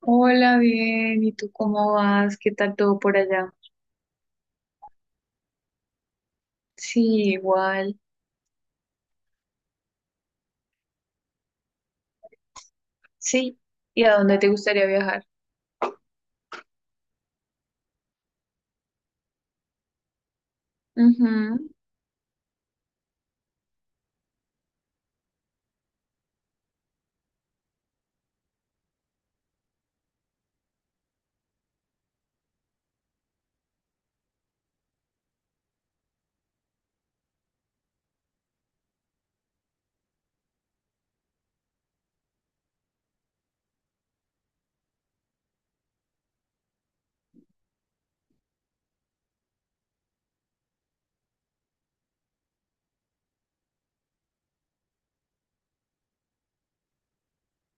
Hola, bien. ¿Y tú cómo vas? ¿Qué tal todo por allá? Sí, igual. Sí. ¿Y a dónde te gustaría viajar? Ujú.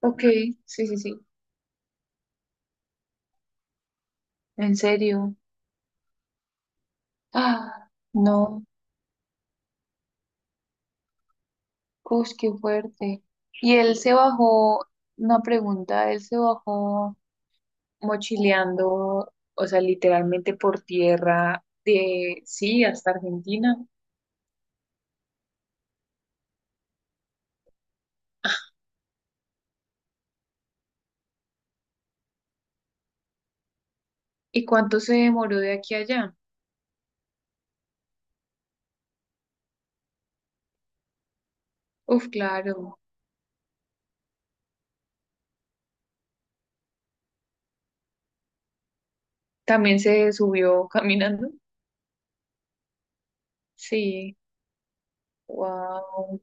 Ok, sí, sí, sí. ¿En serio? Ah, no. Uy, qué fuerte. Y él se bajó, una pregunta, él se bajó mochileando, o sea, literalmente por tierra de, sí, hasta Argentina. ¿Y cuánto se demoró de aquí a allá? Uf, claro. ¿También se subió caminando? Sí, wow,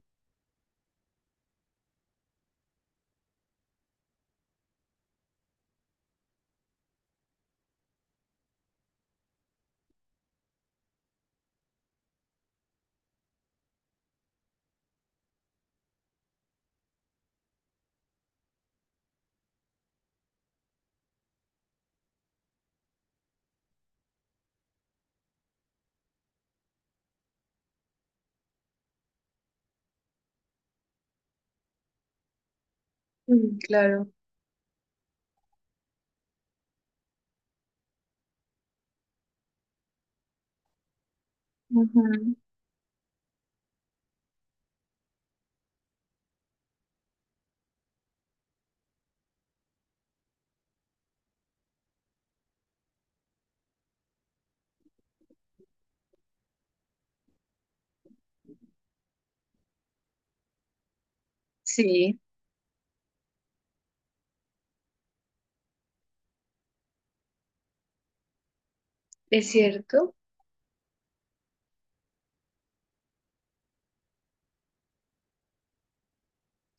claro, ujú. Sí, es cierto,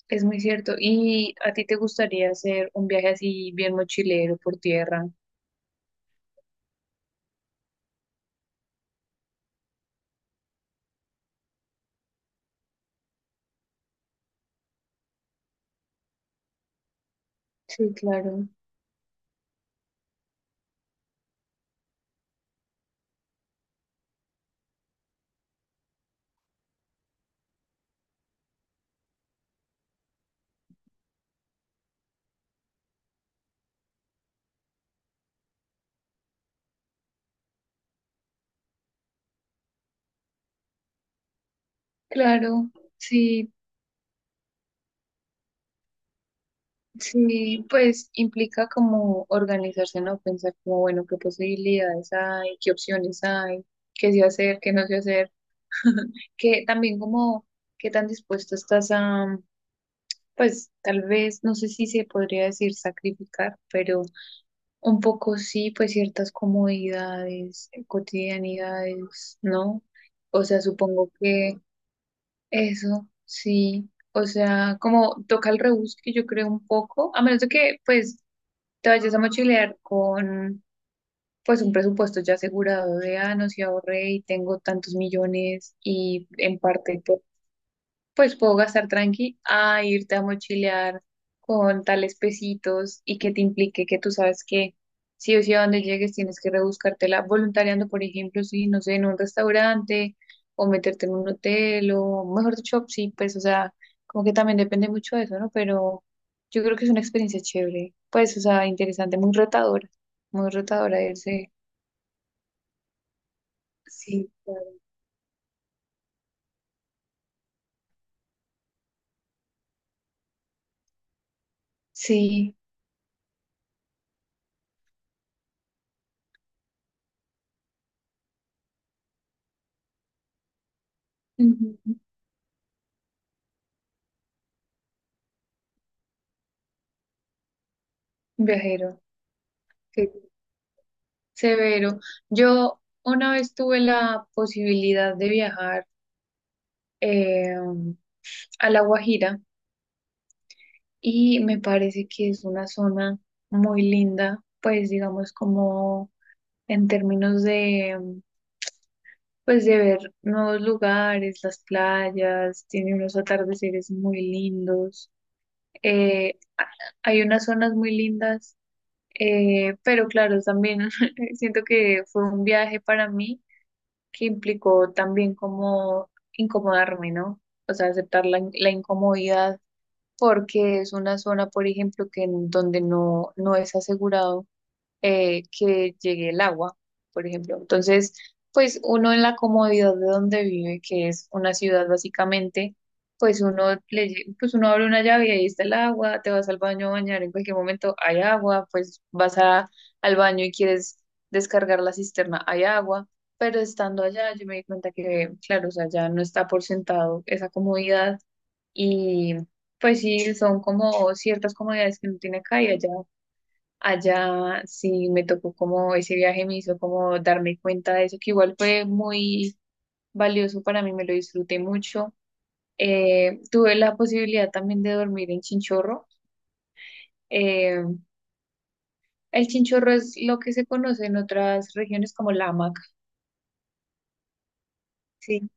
es muy cierto. ¿Y a ti te gustaría hacer un viaje así bien mochilero por tierra? Sí, claro, claro, sí, sí, pues implica como organizarse, ¿no? Pensar como, bueno, qué posibilidades hay, qué opciones hay, qué sí hacer, qué no sé hacer, que también como, qué tan dispuesto estás a... Pues tal vez, no sé si se podría decir sacrificar, pero un poco sí, pues ciertas comodidades, cotidianidades, ¿no? O sea, supongo que eso, sí. O sea, como toca el rebusque, yo creo un poco, a menos de que pues te vayas a mochilear con pues un presupuesto ya asegurado de, ah, no, si ahorré y tengo tantos millones y en parte pues puedo gastar tranqui a irte a mochilear con tales pesitos y que te implique que tú sabes que sí o sí a donde llegues tienes que rebuscártela voluntariando, por ejemplo, si no sé, en un restaurante o meterte en un hotel o mejor dicho, sí, pues o sea, como que también depende mucho de eso, ¿no? Pero yo creo que es una experiencia chévere, pues o sea, interesante, muy retadora irse. Sí, claro. Sí, ujú. Viajero. Severo. Yo una vez tuve la posibilidad de viajar eh, a La Guajira y me parece que es una zona muy linda, pues digamos como en términos de, pues de ver nuevos lugares, las playas, tiene unos atardeceres muy lindos. Eh, a- hay unas zonas muy lindas, pero claro, también siento que fue un viaje para mí que implicó también como incomodarme, ¿no? O sea, aceptar la, la incomodidad porque es una zona, por ejemplo, que en donde no, no es asegurado que llegue el agua, por ejemplo. Entonces, pues uno en la comodidad de donde vive, que es una ciudad básicamente, pues uno le, pues uno abre una llave y ahí está el agua, te vas al baño a bañar, en cualquier momento hay agua, pues vas a, al baño y quieres descargar la cisterna, hay agua. Pero estando allá, yo me di cuenta que, claro, o sea, ya no está por sentado esa comodidad y pues sí, son como ciertas comodidades que uno tiene acá y allá. Allá sí me tocó como ese viaje me hizo como darme cuenta de eso, que igual fue muy valioso para mí, me lo disfruté mucho. Tuve la posibilidad también de dormir en Chinchorro. Eh, el Chinchorro es lo que se conoce en otras regiones como la hamaca, sí,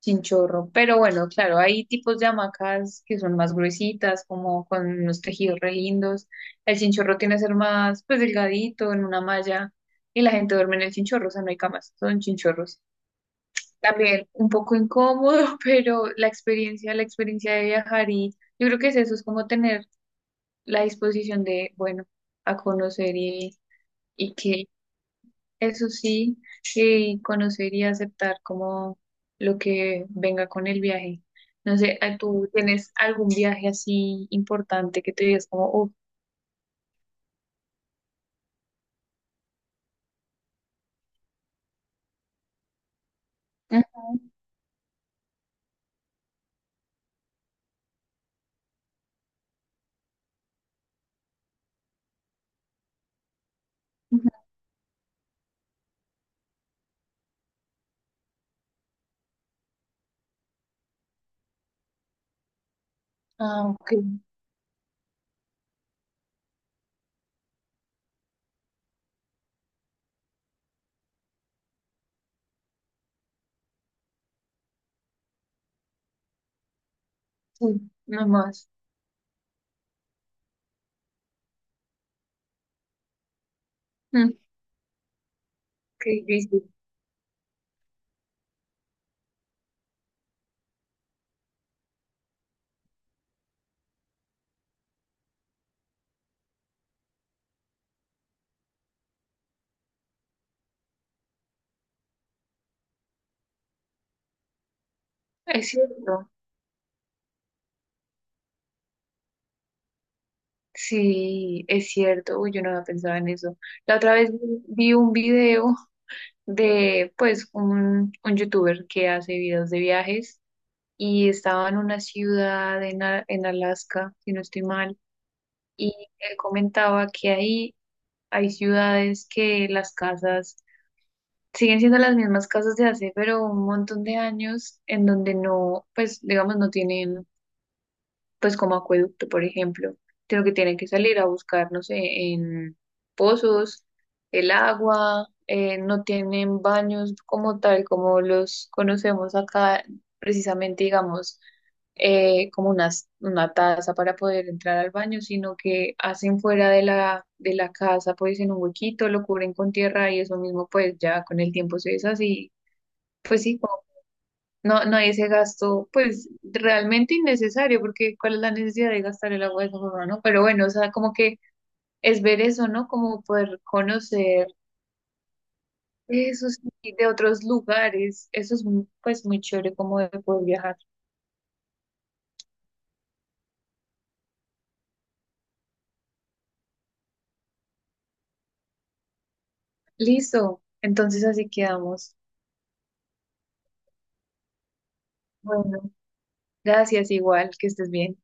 Chinchorro. Pero bueno, claro, hay tipos de hamacas que son más gruesitas, como con unos tejidos re lindos. El Chinchorro tiene que ser más pues delgadito, en una malla, y la gente duerme en el Chinchorro, o sea, no hay camas, son chinchorros. También un poco incómodo, pero la experiencia de viajar y yo creo que es eso, es como tener la disposición de, bueno, a conocer y que eso sí, y conocer y aceptar como lo que venga con el viaje. No sé, ¿a- ¿tú tienes algún viaje así importante que te digas como, oh, ujú, ujú, ah, ok, sí, no más, mm, ok, difícil. Es cierto. Sí, es cierto, uy, yo no había pensado en eso. La otra vez vi un video de, pues, un youtuber que hace videos de viajes y estaba en una ciudad en, en Alaska, si no estoy mal, y él comentaba que ahí hay ciudades que las casas siguen siendo las mismas casas de hace, pero un montón de años en donde no, pues, digamos, no tienen pues como acueducto, por ejemplo, sino que tienen que salir a buscar, no sé, en pozos, el agua, no tienen baños como tal, como los conocemos acá, precisamente, digamos, como una taza para poder entrar al baño, sino que hacen fuera de la casa, pues en un huequito, lo cubren con tierra y eso mismo, pues ya con el tiempo se deshace y pues sí. No, no hay ese gasto, pues realmente innecesario, porque ¿cuál es la necesidad de gastar el agua de esa forma, no? Pero bueno, o sea, como que es ver eso, ¿no? Como poder conocer eso sí, de otros lugares. Eso es muy... pues muy chévere como de poder viajar. Listo, entonces así quedamos. Bueno, gracias igual, que estés bien.